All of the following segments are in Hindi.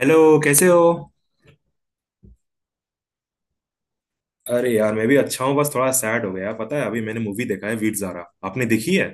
हेलो। कैसे हो? अरे यार मैं भी अच्छा हूँ, बस थोड़ा सैड हो गया। पता है अभी मैंने मूवी देखा है, वीर ज़ारा। आपने देखी है?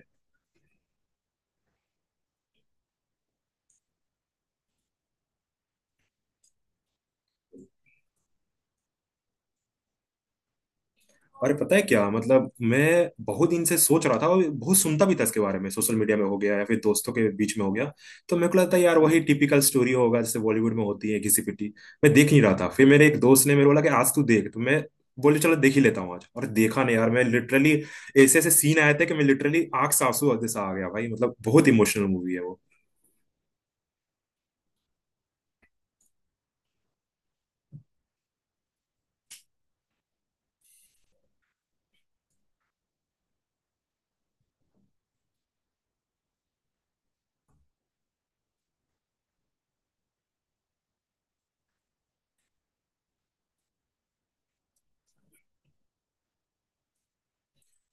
अरे पता है क्या मतलब, मैं बहुत दिन से सोच रहा था और बहुत सुनता भी था इसके बारे में, सोशल मीडिया में हो गया या फिर दोस्तों के बीच में हो गया। तो मेरे को लगता है यार वही टिपिकल स्टोरी होगा जैसे बॉलीवुड में होती है घिसी पिटी। मैं देख नहीं रहा था, फिर मेरे एक दोस्त ने मेरे को बोला कि आज तू देख तो मैं बोले चलो देख ही लेता हूँ आज। और देखा नहीं यार, मैं लिटरली ऐसे ऐसे सीन आए थे कि मैं लिटरली आंख से आंसू जैसा आ गया भाई। मतलब बहुत इमोशनल मूवी है वो।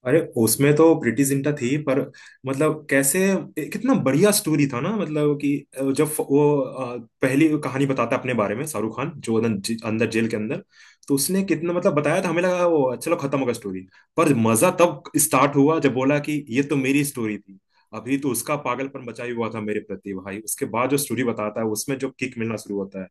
अरे उसमें तो प्रीति जिंटा थी पर मतलब कैसे कितना बढ़िया स्टोरी था ना। मतलब कि जब वो पहली कहानी बताता है अपने बारे में, शाहरुख खान जो अंदर अंदर जेल के अंदर, तो उसने कितना मतलब बताया था। हमें लगा वो चलो खत्म होगा स्टोरी। पर मजा तब स्टार्ट हुआ जब बोला कि ये तो मेरी स्टोरी थी, अभी तो उसका पागलपन बचा ही हुआ था मेरे प्रति भाई। उसके बाद जो स्टोरी बताता है उसमें जो किक मिलना शुरू होता है,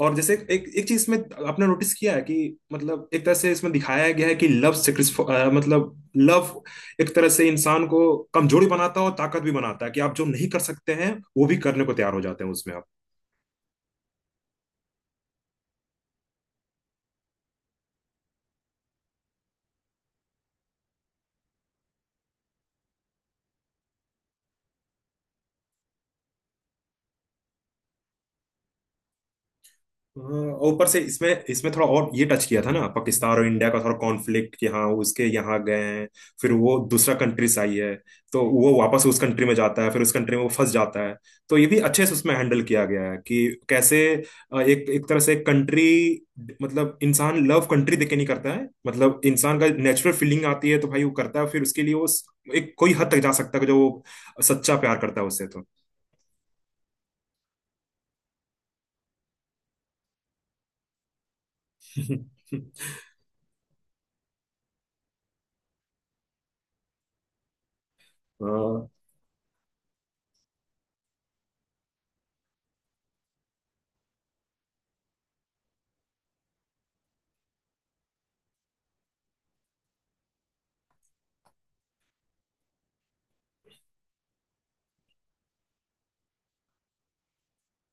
और जैसे एक एक चीज में आपने नोटिस किया है कि मतलब एक तरह से इसमें दिखाया गया है कि लव सेक्रिफ, मतलब लव एक तरह से इंसान को कमजोरी बनाता है और ताकत भी बनाता है, कि आप जो नहीं कर सकते हैं वो भी करने को तैयार हो जाते हैं उसमें। हाँ, ऊपर से इसमें इसमें थोड़ा और ये टच किया था ना, पाकिस्तान और इंडिया का थोड़ा कॉन्फ्लिक्ट, कि हाँ उसके यहाँ गए हैं, फिर वो दूसरा कंट्री से आई है, तो वो वापस उस कंट्री में जाता है फिर उस कंट्री में वो फंस जाता है। तो ये भी अच्छे से उसमें हैंडल किया गया है कि कैसे एक एक तरह से कंट्री, मतलब इंसान लव कंट्री देखे नहीं करता है। मतलब इंसान का नेचुरल फीलिंग आती है तो भाई वो करता है, फिर उसके लिए वो एक कोई हद तक जा सकता है जो वो सच्चा प्यार करता है उससे तो। हाँ,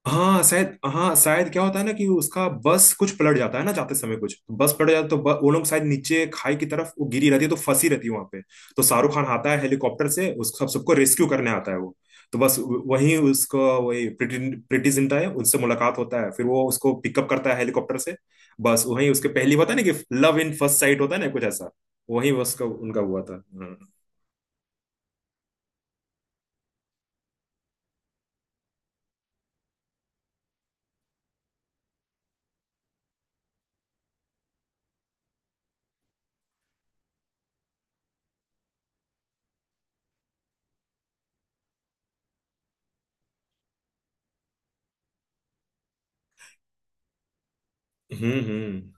हाँ शायद, हाँ शायद क्या होता है ना कि उसका बस कुछ पलट जाता है ना जाते समय, कुछ तो बस पलट जाता है। तो वो लोग शायद नीचे खाई की तरफ वो गिरी रहती है तो फंसी रहती है वहां पे। तो शाहरुख खान आता है हेलीकॉप्टर से उस सब सबको रेस्क्यू करने आता है वो। तो बस वहीं उसको वही प्रीति प्रीति जिंटा है उनसे मुलाकात होता है, फिर वो उसको पिकअप करता है हेलीकॉप्टर से। बस वहीं उसके पहली होता है ना, कि लव इन फर्स्ट साइट होता है ना कुछ ऐसा, वहीं उसका उनका हुआ था। हम्म।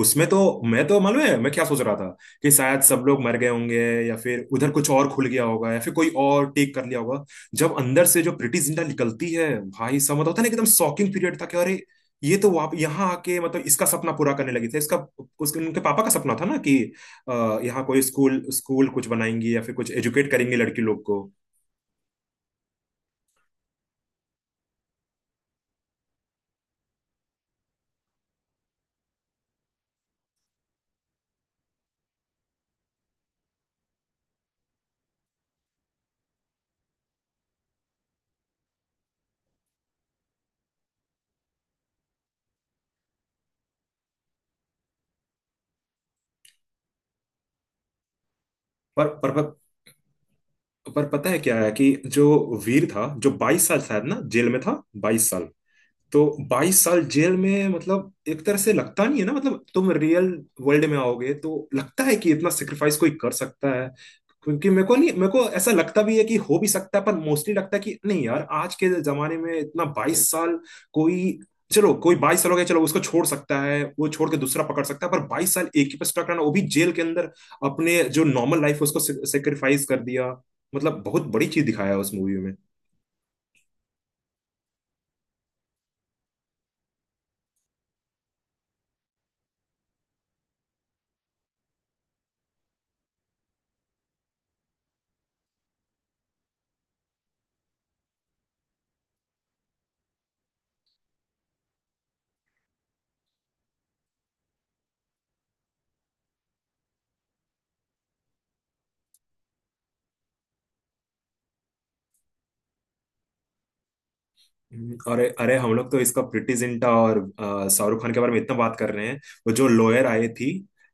उसमें तो मैं तो मालूम है मैं क्या सोच रहा था, कि शायद सब लोग मर गए होंगे या फिर उधर कुछ और खुल गया होगा या फिर कोई और टेक कर लिया होगा। जब अंदर से जो प्रीटी जिंटा निकलती है, भाई सब मतलब होता है ना एकदम शॉकिंग पीरियड था कि अरे ये तो वहाँ यहाँ आके मतलब इसका सपना पूरा करने लगी थी इसका, उसके उनके पापा का सपना था ना कि यहाँ कोई स्कूल स्कूल कुछ बनाएंगी या फिर कुछ एजुकेट करेंगे लड़की लोग को। पर पर पर पर पता है क्या है कि जो वीर था जो बाईस साल शायद ना जेल में था, बाईस साल। तो 22 साल जेल में मतलब एक तरह से लगता नहीं है ना, मतलब तुम रियल वर्ल्ड में आओगे तो लगता है कि इतना सेक्रीफाइस कोई कर सकता है? क्योंकि मेरे को नहीं मेरे को ऐसा लगता भी है कि हो भी सकता है, पर मोस्टली लगता है कि नहीं यार आज के जमाने में इतना 22 साल कोई, चलो कोई 22 साल हो गया चलो, उसको छोड़ सकता है वो छोड़ के दूसरा पकड़ सकता है, पर 22 साल एक ही पे स्टक रहना वो भी जेल के अंदर, अपने जो नॉर्मल लाइफ है उसको सेक्रीफाइस कर दिया, मतलब बहुत बड़ी चीज दिखाया है उस मूवी में। अरे अरे हम लोग तो इसका प्रीति जिंटा और शाहरुख खान के बारे में इतना बात कर रहे हैं, वो जो लॉयर आई थी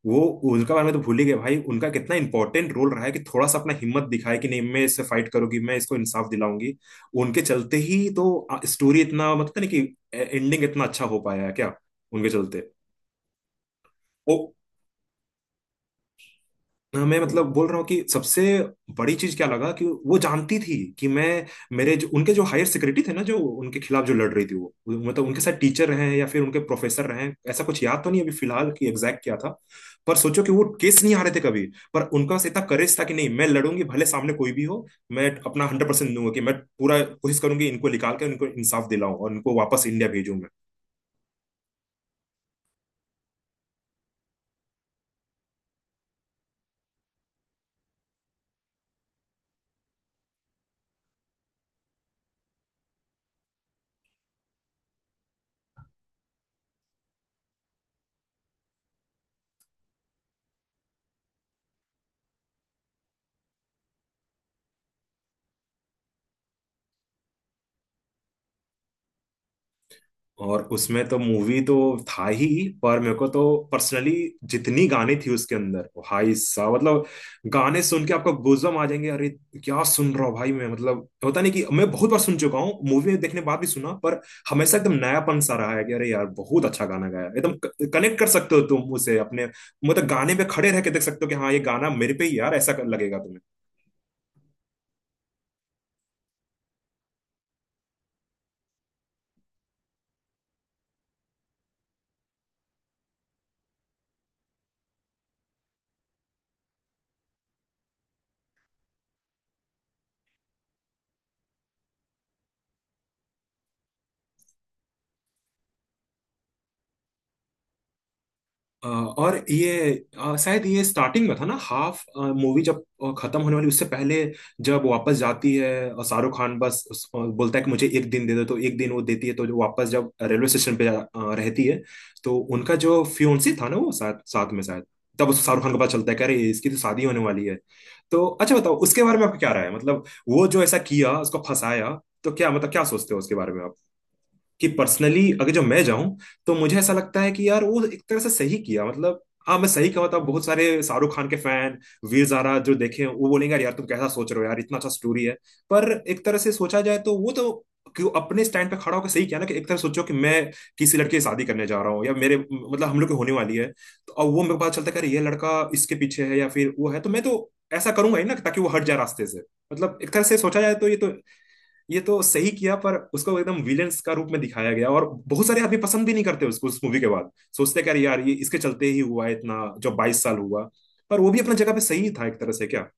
वो, उनका बारे में तो भूल ही गए भाई। उनका कितना इंपॉर्टेंट रोल रहा है, कि थोड़ा सा अपना हिम्मत दिखाए कि नहीं मैं इससे फाइट करूंगी, मैं इसको इंसाफ दिलाऊंगी। उनके चलते ही तो स्टोरी इतना मतलब, नहीं कि एंडिंग इतना अच्छा हो पाया है, क्या उनके चलते। हाँ, मैं मतलब बोल रहा हूँ कि सबसे बड़ी चीज क्या लगा, कि वो जानती थी कि मैं मेरे जो उनके जो हायर सेक्रेटरी थे ना, जो उनके खिलाफ जो लड़ रही थी वो, मतलब उनके साथ टीचर रहे हैं या फिर उनके प्रोफेसर रहे हैं, ऐसा कुछ याद तो नहीं अभी फिलहाल कि एग्जैक्ट क्या था। पर सोचो कि वो केस नहीं आ रहे थे कभी, पर उनका बस इतना करेज था कि नहीं मैं लड़ूंगी भले सामने कोई भी हो, मैं अपना 100% दूंगा कि मैं पूरा कोशिश करूंगी इनको निकाल कर, इनको इंसाफ दिलाऊं और इनको वापस इंडिया भेजूं। और उसमें तो मूवी तो था ही, पर मेरे को तो पर्सनली जितनी गाने थी उसके अंदर, भाई साहब मतलब गाने सुन के आपको गूज़बम्प आ जाएंगे। अरे क्या सुन रहा हूँ भाई मैं, मतलब होता नहीं कि मैं बहुत बार सुन चुका हूँ, मूवी देखने के बाद भी सुना, पर हमेशा एकदम नयापन सा रहा है कि अरे यार बहुत अच्छा गाना गाया। एकदम कनेक्ट कर सकते हो तुम उसे अपने, मतलब गाने पे खड़े रह के देख सकते हो कि हाँ ये गाना मेरे पे ही यार ऐसा लगेगा तुम्हें। और ये शायद ये स्टार्टिंग में था ना, हाफ मूवी जब खत्म होने वाली उससे पहले, जब वापस जाती है, शाहरुख खान बस बोलता है कि मुझे 1 दिन दे दो, तो 1 दिन वो देती है। तो जो वापस जब रेलवे स्टेशन पे रहती है, तो उनका जो फियोन्सी था ना वो साथ साथ में शायद, तब उस शाहरुख खान को पता चलता है कि अरे इसकी तो शादी होने वाली है। तो अच्छा बताओ उसके बारे में आपका क्या राय है, मतलब वो जो ऐसा किया उसको फंसाया, तो क्या मतलब क्या सोचते हो उसके बारे में? कि पर्सनली अगर जो मैं जाऊं तो मुझे ऐसा लगता है कि यार वो एक तरह से सही किया, मतलब हाँ मैं सही कहूँ तो बहुत सारे शाहरुख खान के फैन वीर ज़ारा जो देखे वो बोलेंगे यार, तुम कैसा सोच रहे हो यार इतना अच्छा स्टोरी है। पर एक तरह से सोचा जाए तो वो तो क्यों अपने स्टैंड पे खड़ा होकर सही किया ना, कि एक तरह सोचो कि मैं किसी लड़के से शादी करने जा रहा हूँ या मेरे मतलब हम लोग की होने वाली है, तो अब वो मेरे को पता चलता है कि अरे ये लड़का इसके पीछे है या फिर वो है, तो मैं तो ऐसा करूंगा ही ना ताकि वो हट जाए रास्ते से। मतलब एक तरह से सोचा जाए तो ये तो सही किया, पर उसको एकदम विलेंस का रूप में दिखाया गया और बहुत सारे आदमी पसंद भी नहीं करते उसको उस मूवी के बाद। सोचते हैं कि अरे यार ये इसके चलते ही हुआ है इतना जो बाईस साल हुआ, पर वो भी अपना जगह पे सही था एक तरह से क्या।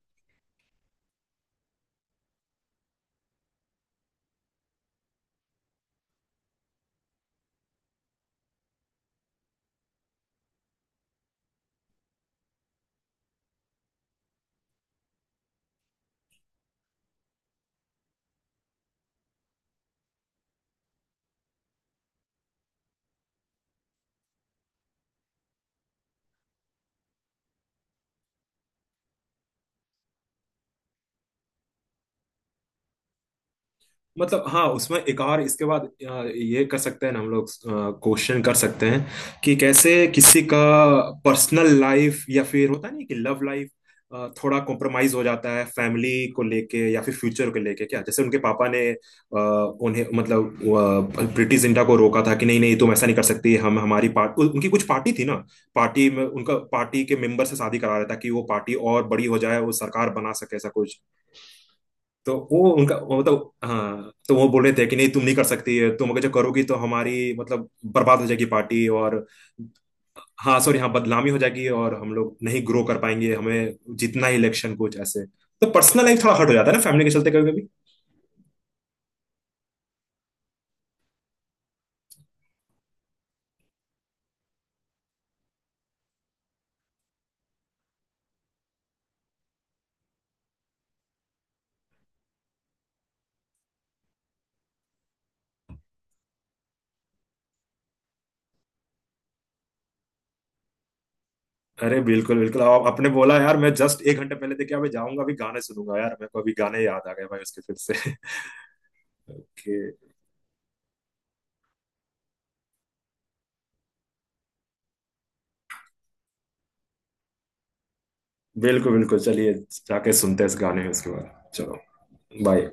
मतलब हाँ उसमें एक और इसके बाद ये कर सकते हैं ना हम लोग, क्वेश्चन कर सकते हैं कि कैसे किसी का पर्सनल लाइफ या फिर होता नहीं कि लव लाइफ थोड़ा कॉम्प्रोमाइज हो जाता है फैमिली को लेके या फिर फ्यूचर को लेके, क्या जैसे उनके पापा ने उन्हें मतलब प्रीति जिंटा को रोका था कि नहीं नहीं तुम ऐसा नहीं कर सकती। हम हमारी पार्ट उनकी कुछ पार्टी थी ना, पार्टी में उनका पार्टी के मेंबर से शादी करा रहा था कि वो पार्टी और बड़ी हो जाए, वो सरकार बना सके ऐसा कुछ। तो वो उनका वो मतलब हाँ, तो वो बोल रहे थे कि नहीं तुम नहीं कर सकती, तुम अगर जो करोगी तो हमारी मतलब बर्बाद हो जाएगी पार्टी और, हाँ सॉरी, हाँ बदनामी हो जाएगी और हम लोग नहीं ग्रो कर पाएंगे, हमें जितना ही इलेक्शन कुछ ऐसे। तो पर्सनल लाइफ थोड़ा हर्ट हो जाता है ना फैमिली के चलते कभी कभी। अरे बिल्कुल बिल्कुल आप आपने बोला यार, मैं जस्ट 1 घंटे पहले देखा, मैं जाऊंगा अभी गाने सुनूंगा यार, मेरे को अभी गाने याद आ गए भाई उसके फिर से। कि बिल्कुल बिल्कुल, चलिए जाके सुनते हैं इस गाने में उसके बाद, चलो बाय।